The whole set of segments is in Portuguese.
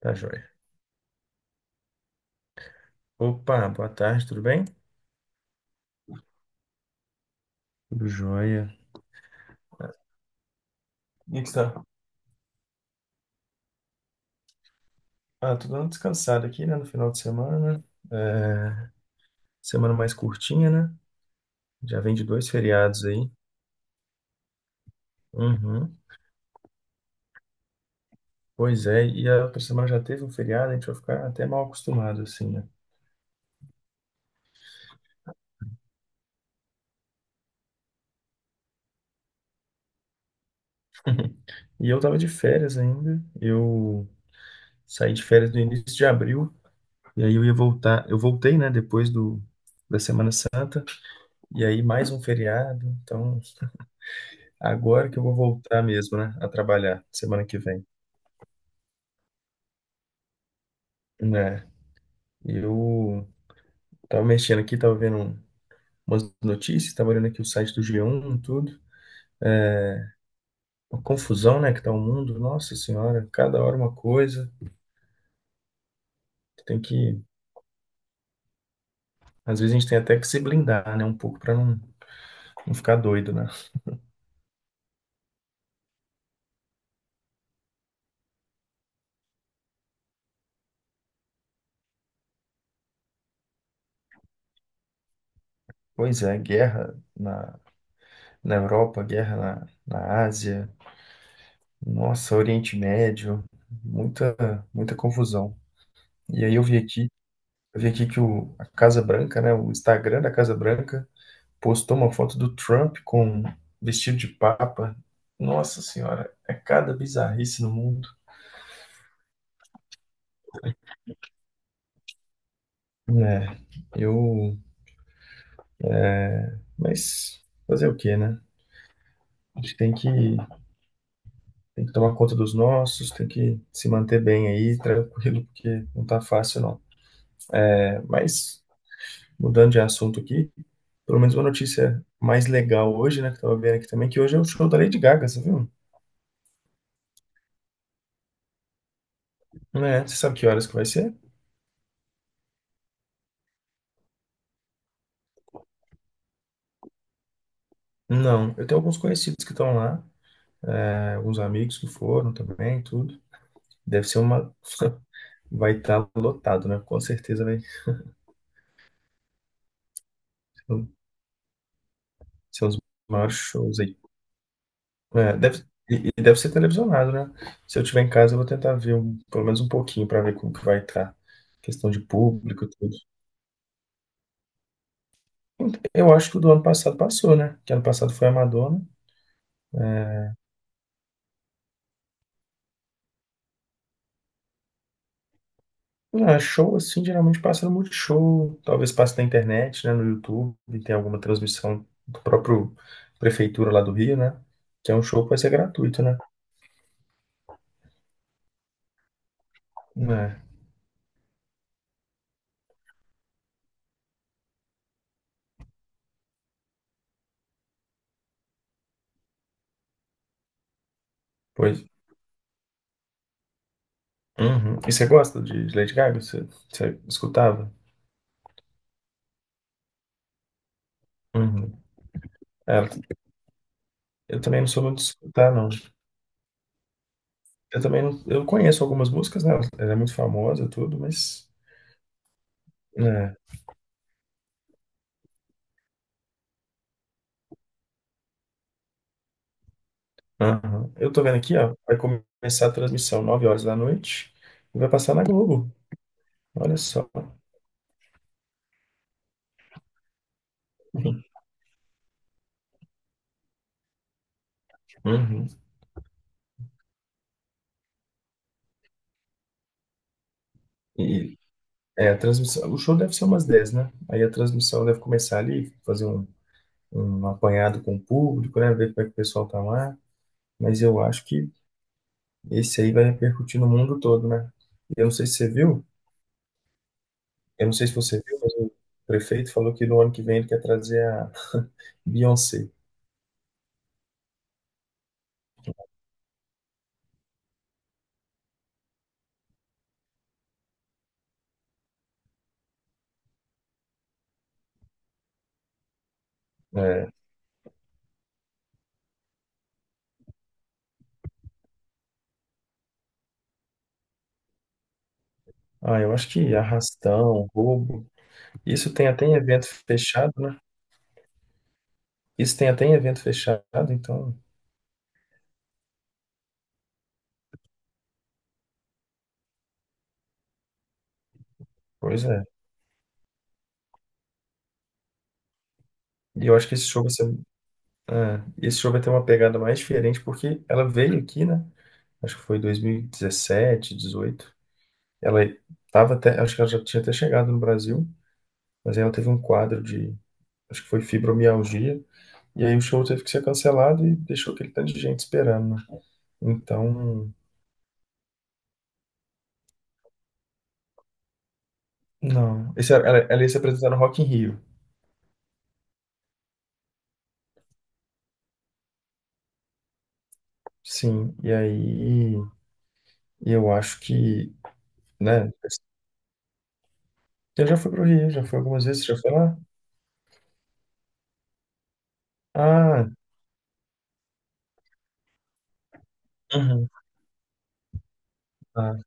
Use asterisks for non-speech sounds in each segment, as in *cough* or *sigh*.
Tá joia. Opa, boa tarde, tudo bem? Tudo jóia. E que está? Ah, tô dando descansado aqui, né, no final de semana. É, semana mais curtinha, né? Já vem de dois feriados aí. Uhum. Pois é, e a outra semana já teve um feriado, a gente vai ficar até mal acostumado, assim, né? E eu tava de férias ainda. Eu saí de férias no início de abril, e aí eu ia voltar. Eu voltei, né, depois da Semana Santa, e aí mais um feriado, então. Agora que eu vou voltar mesmo, né, a trabalhar semana que vem. Né? Eu tava mexendo aqui, tava vendo umas notícias, tava olhando aqui o site do G1, tudo. Uma confusão, né, que tá o mundo. Nossa Senhora, cada hora uma coisa. Tem que, Às vezes a gente tem até que se blindar, né, um pouco para não ficar doido, né? Pois é, guerra na Europa, guerra na Ásia, nossa, Oriente Médio, muita, muita confusão. E aí eu vi aqui eu vi aqui que a Casa Branca, né, o Instagram da Casa Branca, postou uma foto do Trump com vestido de papa. Nossa senhora, é cada bizarrice no mundo. É, eu. Mas fazer o quê, né? A gente tem que, Tem que tomar conta dos nossos, tem que se manter bem aí, tranquilo, porque não tá fácil, não. É, mas, mudando de assunto aqui, pelo menos uma notícia mais legal hoje, né, que eu tava vendo aqui também, que hoje é o show da Lady Gaga, você viu? É, você sabe que horas que vai ser? Não, eu tenho alguns conhecidos que estão lá, é, alguns amigos que foram também, tudo. Deve ser uma. *laughs* Vai estar lotado, né? Com certeza vai ser um dos maiores shows aí. É, deve... E deve ser televisionado, né? Se eu tiver em casa, eu vou tentar ver pelo menos um pouquinho para ver como que vai estar. Questão de público, e tudo. Eu acho que o do ano passado passou, né? Que ano passado foi a Madonna. Ah, show assim geralmente passa no Multishow, talvez passe na internet, né, no YouTube, e tem alguma transmissão do próprio prefeitura lá do Rio, né? Que é um show que vai ser gratuito, né? É, pois. Uhum. E você gosta de Lady Gaga? Você escutava? Uhum. Ela- eu também não sou muito de escutar, não. Eu também não, eu conheço algumas músicas, né? Ela é muito famosa, e tudo, mas. É. Aham. Eu tô vendo aqui, ó. Vai começar a transmissão 9 horas da noite e vai passar na Globo. Olha só. Uhum. E é, a transmissão, o show deve ser umas 10 né? Aí a transmissão deve começar ali, fazer um apanhado com o público, né? Ver como é que o pessoal tá lá. Mas eu acho que esse aí vai repercutir no mundo todo, né? E Eu não sei se você viu, eu não sei se você viu, mas o prefeito falou que no ano que vem ele quer trazer a Beyoncé. É. Ah, eu acho que arrastão, roubo. Isso tem até em evento fechado, né? Isso tem até em evento fechado, então, pois é. E eu acho que esse show vai ser É, esse show vai ter uma pegada mais diferente porque ela veio aqui, né? Acho que foi 2017, 18. Ela tava até, acho que ela já tinha até chegado no Brasil, mas aí ela teve um quadro de, acho que foi fibromialgia, e aí o show teve que ser cancelado e deixou aquele tanto de gente esperando, né? Então, não. Esse, ela ia se apresentar no Rock in Rio. Sim, e aí e eu acho que, né? Você já foi pro Rio, já foi algumas vezes, já foi lá? Ah, uhum, tá.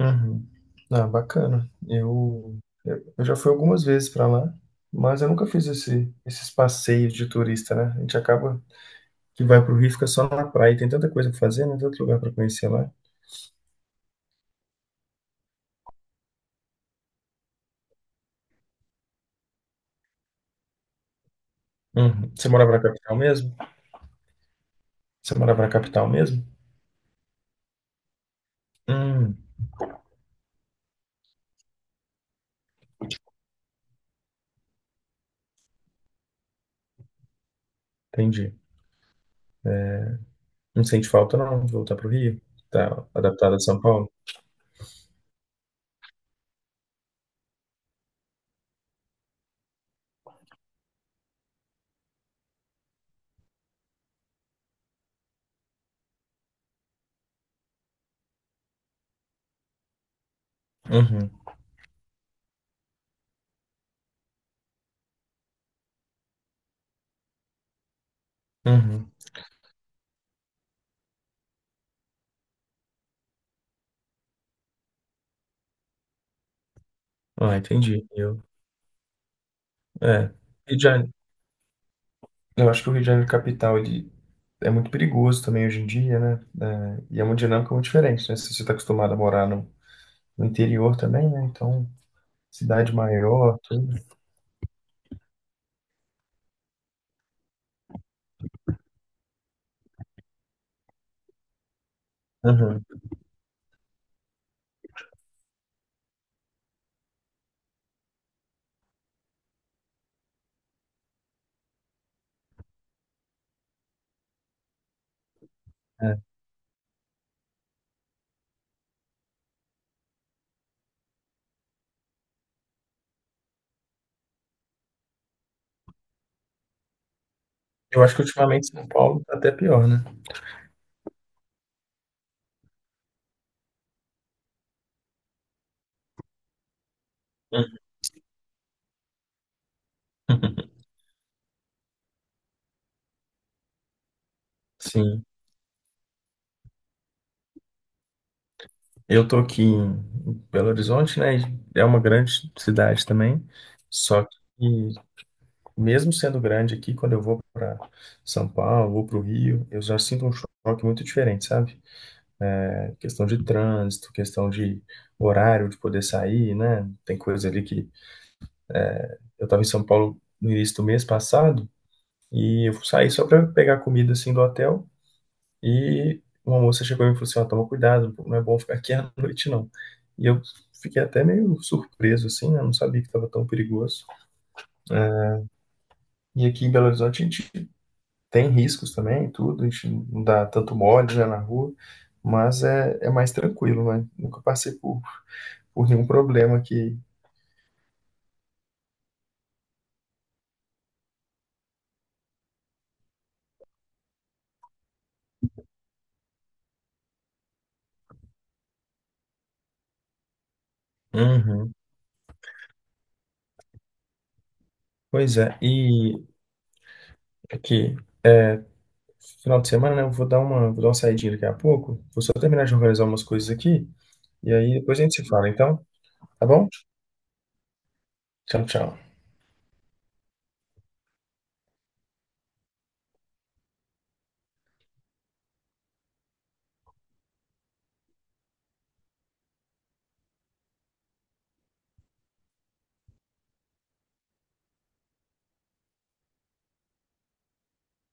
Uhum. Ah, bacana. Eu já fui algumas vezes para lá, mas eu nunca fiz esses passeios de turista, né? A gente acaba que vai pro Rio e fica só na praia. Tem tanta coisa pra fazer, né? Tanto lugar pra conhecer lá. Uhum. Você morava na capital mesmo? Você morava na capital mesmo? Hum, entendi. Não sente falta não de voltar pro Rio? Tá adaptado a São Paulo? Uhum, uhum. Ah, entendi. Eu, é. Rio de Janeiro Eu acho que o Rio de Janeiro capital ele é muito perigoso também hoje em dia, né? É, e é uma dinâmica muito diferente, né? Se você está acostumado a morar no interior também, né? Então, cidade maior, tudo. Uhum, é. Eu acho que ultimamente São Paulo tá até pior, né? Uhum. *laughs* Sim. Eu tô aqui em Belo Horizonte, né? e É uma grande cidade também. Só que, mesmo sendo grande aqui, quando eu vou para São Paulo, vou para o Rio, eu já sinto um choque muito diferente, sabe? Questão de trânsito, questão de horário de poder sair, né? Tem coisa ali que eu estava em São Paulo no início do mês passado e eu saí só para pegar comida assim do hotel e uma moça chegou e me falou assim, ó, toma cuidado, não é bom ficar aqui *laughs* à noite não. E eu fiquei até meio surpreso assim, né? Não sabia que estava tão perigoso. E aqui em Belo Horizonte a gente tem riscos também, tudo, a gente não dá tanto mole, né, na rua, mas é mais tranquilo, né? Nunca passei por nenhum problema que Uhum. Pois é, e aqui, final de semana, né, eu vou dar uma saidinha daqui a pouco. Vou só terminar de organizar umas coisas aqui, e aí depois a gente se fala, então, tá bom? Tchau, tchau.